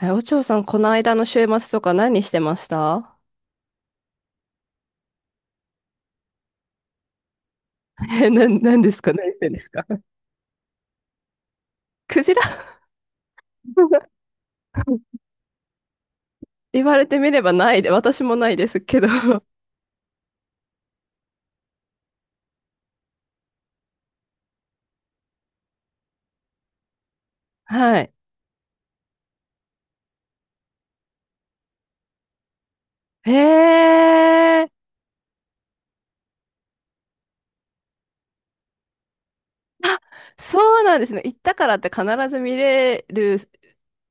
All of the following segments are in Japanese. え、お嬢さん、この間の週末とか何してました？ え、何ですか？何してんですか？クジラ。 言われてみればないで、私もないですけど。はい。へえ、そうなんですね。行ったからって必ず見れるっ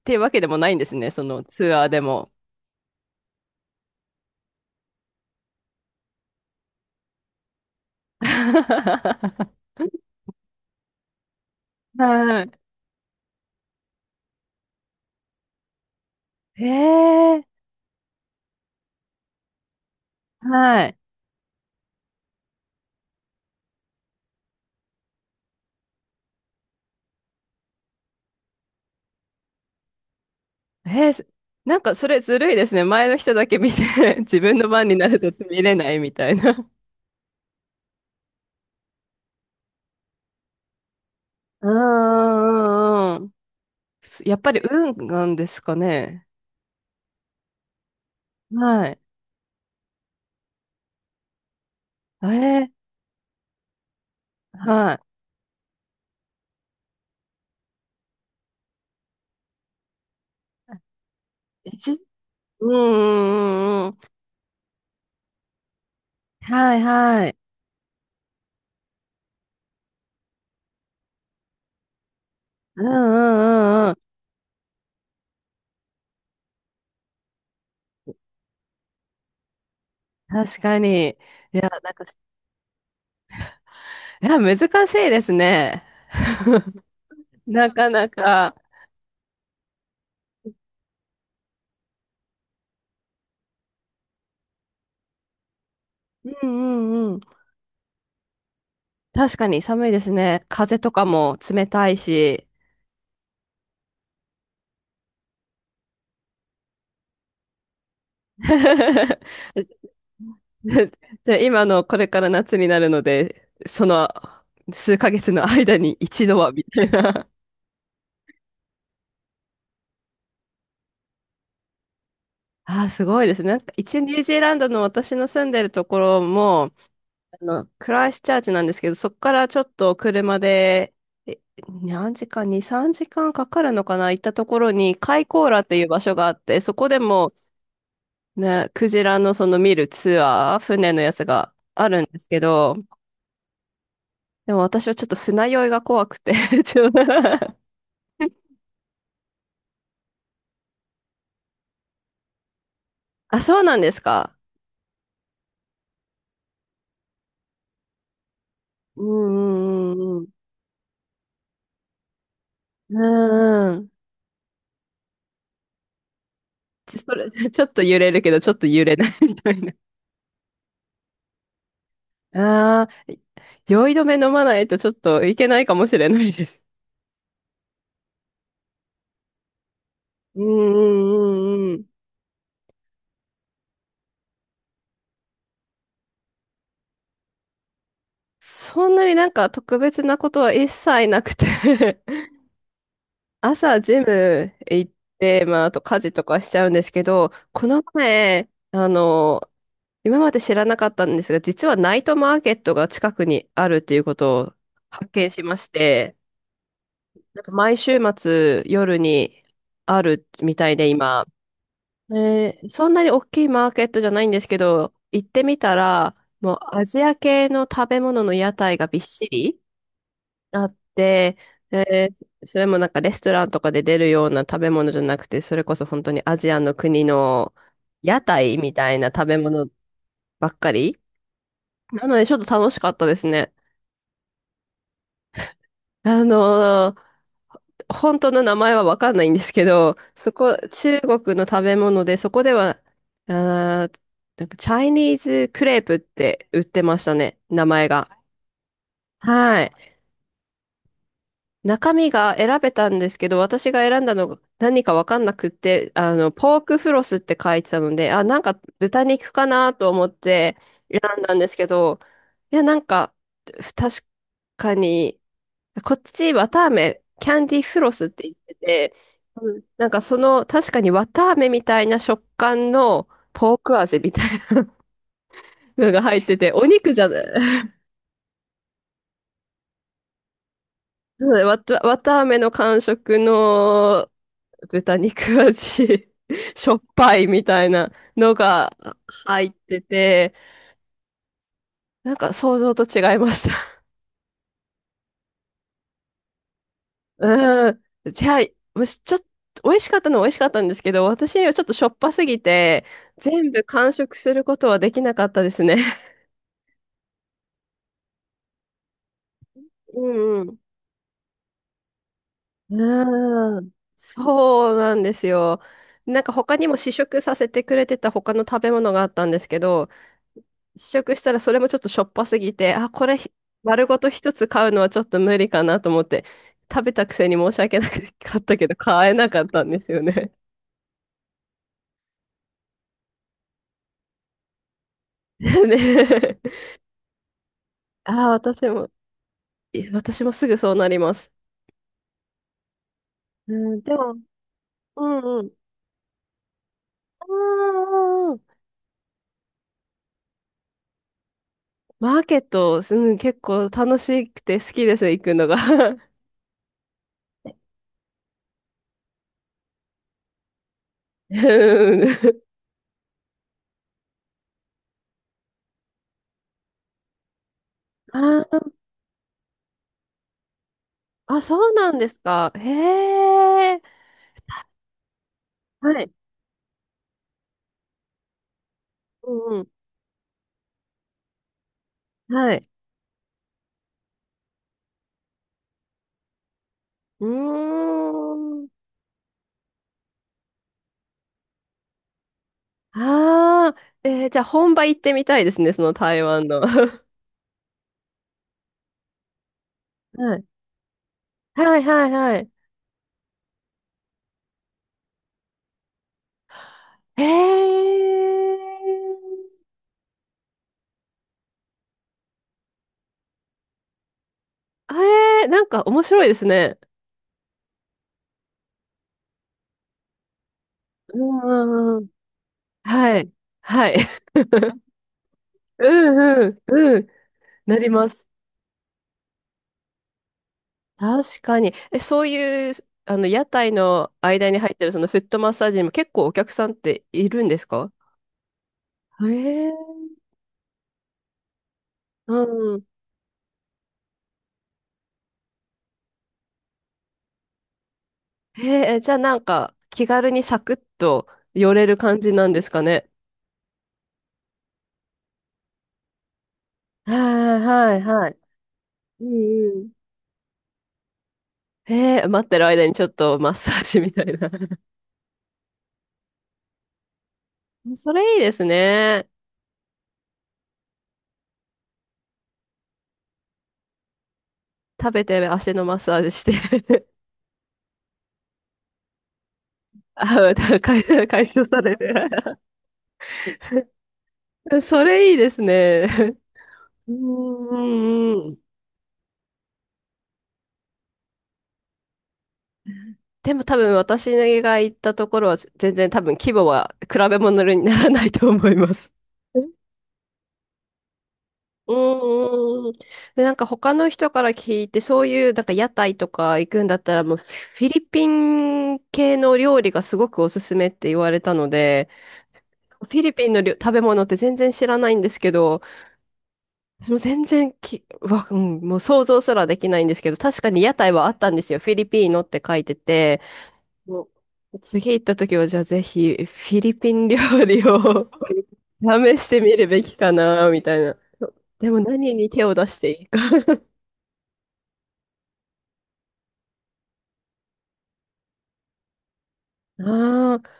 ていうわけでもないんですね。そのツアーでも。はい。へえ、はい。へえ、なんかそれずるいですね。前の人だけ見て、自分の番になると見れないみたいな。うんうんうんうん。やっぱり運なんですかね。はい。ええ、はい。うんうんうんうん。はいはい。うんうんうんうん。確かに。いや、なんか、いや、難しいですね。なかなか。うんうんうん。確かに寒いですね。風とかも冷たいし。じゃあ今のこれから夏になるので、その数ヶ月の間に一度はみたいな。ああ、すごいですね。なんか一応ニュージーランドの私の住んでるところも、あの、クライストチャーチなんですけど、そこからちょっと車で、え、何時間、2、3時間かんかかるのかな、行ったところに、カイコーラっていう場所があって、そこでも、ね、クジラのその見るツアー、船のやつがあるんですけど、でも私はちょっと船酔いが怖くて ちょっと あ、そうなんですか。うんうんうんうん。うんうん。それ、ちょっと揺れるけど、ちょっと揺れない みたいな。ああ、酔い止め飲まないとちょっといけないかもしれないです。うんうんうんうん。そんなになんか特別なことは一切なくて 朝ジム行って、まああと家事とかしちゃうんですけど、この前、あの、今まで知らなかったんですが、実はナイトマーケットが近くにあるっていうことを発見しまして、なんか毎週末夜にあるみたいで今。えー、そんなに大きいマーケットじゃないんですけど、行ってみたら、もうアジア系の食べ物の屋台がびっしりあって、えー、それもなんかレストランとかで出るような食べ物じゃなくて、それこそ本当にアジアの国の屋台みたいな食べ物ばっかり。なのでちょっと楽しかったですね。あのー本当の名前はわかんないんですけど、そこ、中国の食べ物で、そこでは、あーなんかチャイニーズクレープって売ってましたね、名前が。はい。中身が選べたんですけど、私が選んだのが何かわかんなくって、あの、ポークフロスって書いてたので、あ、なんか豚肉かなと思って選んだんですけど、いや、なんか、確かに、こっち、綿あめ、キャンディフロスって言ってて、うん、なんかその、確かに綿あめみたいな食感のポーク味みたいなのが入ってて、お肉じゃない。そうだね、わたあめの感触の豚肉味 しょっぱいみたいなのが入ってて、なんか想像と違いました。うん。じゃあ、ちょっと、美味しかったのは美味しかったんですけど、私にはちょっとしょっぱすぎて、全部完食することはできなかったですね。うんうん。うーん、そうなんですよ。なんか他にも試食させてくれてた他の食べ物があったんですけど、試食したらそれもちょっとしょっぱすぎて、あ、これ丸ごと一つ買うのはちょっと無理かなと思って、食べたくせに申し訳なかったけど、買えなかったんですよね。ね。ああ、私も、私もすぐそうなります。うん、でも、うんうん。あー、マーケット、うん、結構楽しくて好きです、行くのが。うん、あー、あ、そうなんですか。へえ。はい。うんうん。はい。うーん。ああ、えー、じゃあ本場行ってみたいですね、その台湾の。はい。はいはいはい。へえ。えー、なんか面白いですね。うんうんうん。はい。はい。うんうんうん。なります。確かに。え、そういう、あの、屋台の間に入ってるそのフットマッサージにも結構お客さんっているんですか？へえ。うん、へえ、じゃあなんか気軽にサクッと寄れる感じなんですかね。はいはいはい。うんうん。へえ、待ってる間にちょっとマッサージみたいな。それいいですね。食べて足のマッサージして。あ、解消されて。それいいですね。うんうんうん。でも多分私が行ったところは全然多分規模は比べ物にならないと思います。うんうん。で、なんか他の人から聞いて、そういうなんか屋台とか行くんだったら、もうフィリピン系の料理がすごくおすすめって言われたので、フィリピンの食べ物って全然知らないんですけど、私も全然うん、もう想像すらできないんですけど、確かに屋台はあったんですよ。フィリピーノって書いてて、もう次行った時はじゃあぜひフィリピン料理を 試してみるべきかな、みたいな。でも何に手を出していい、あ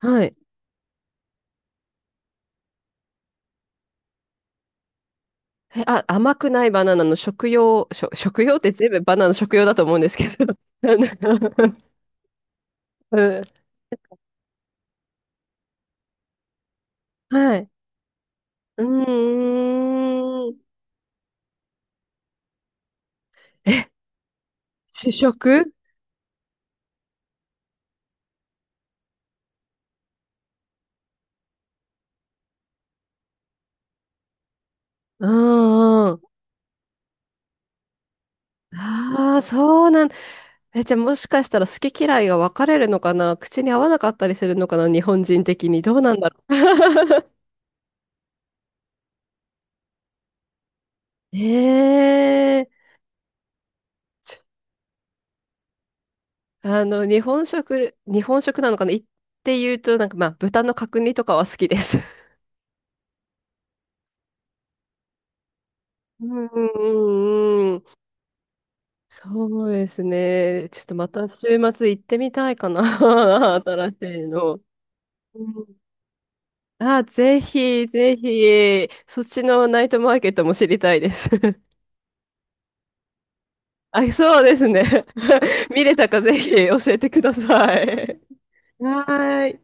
あ、はい。え、あ、甘くないバナナの食用、食用って全部バナナの食用だと思うんですけど。うん、はい。うーん。え、主食？うんうん。ああ、そうなん。え、じゃあもしかしたら好き嫌いが分かれるのかな？口に合わなかったりするのかな？日本人的に。どうなんだろう。ええ、あの、日本食、日本食なのかな？って言うと、なんかまあ、豚の角煮とかは好きです。うんうんうんうん。そうですね。ちょっとまた週末行ってみたいかな。新しいの。うん、あ、ぜひ、ぜひ、そっちのナイトマーケットも知りたいです。あ、そうですね。見れたかぜひ教えてください。はーい。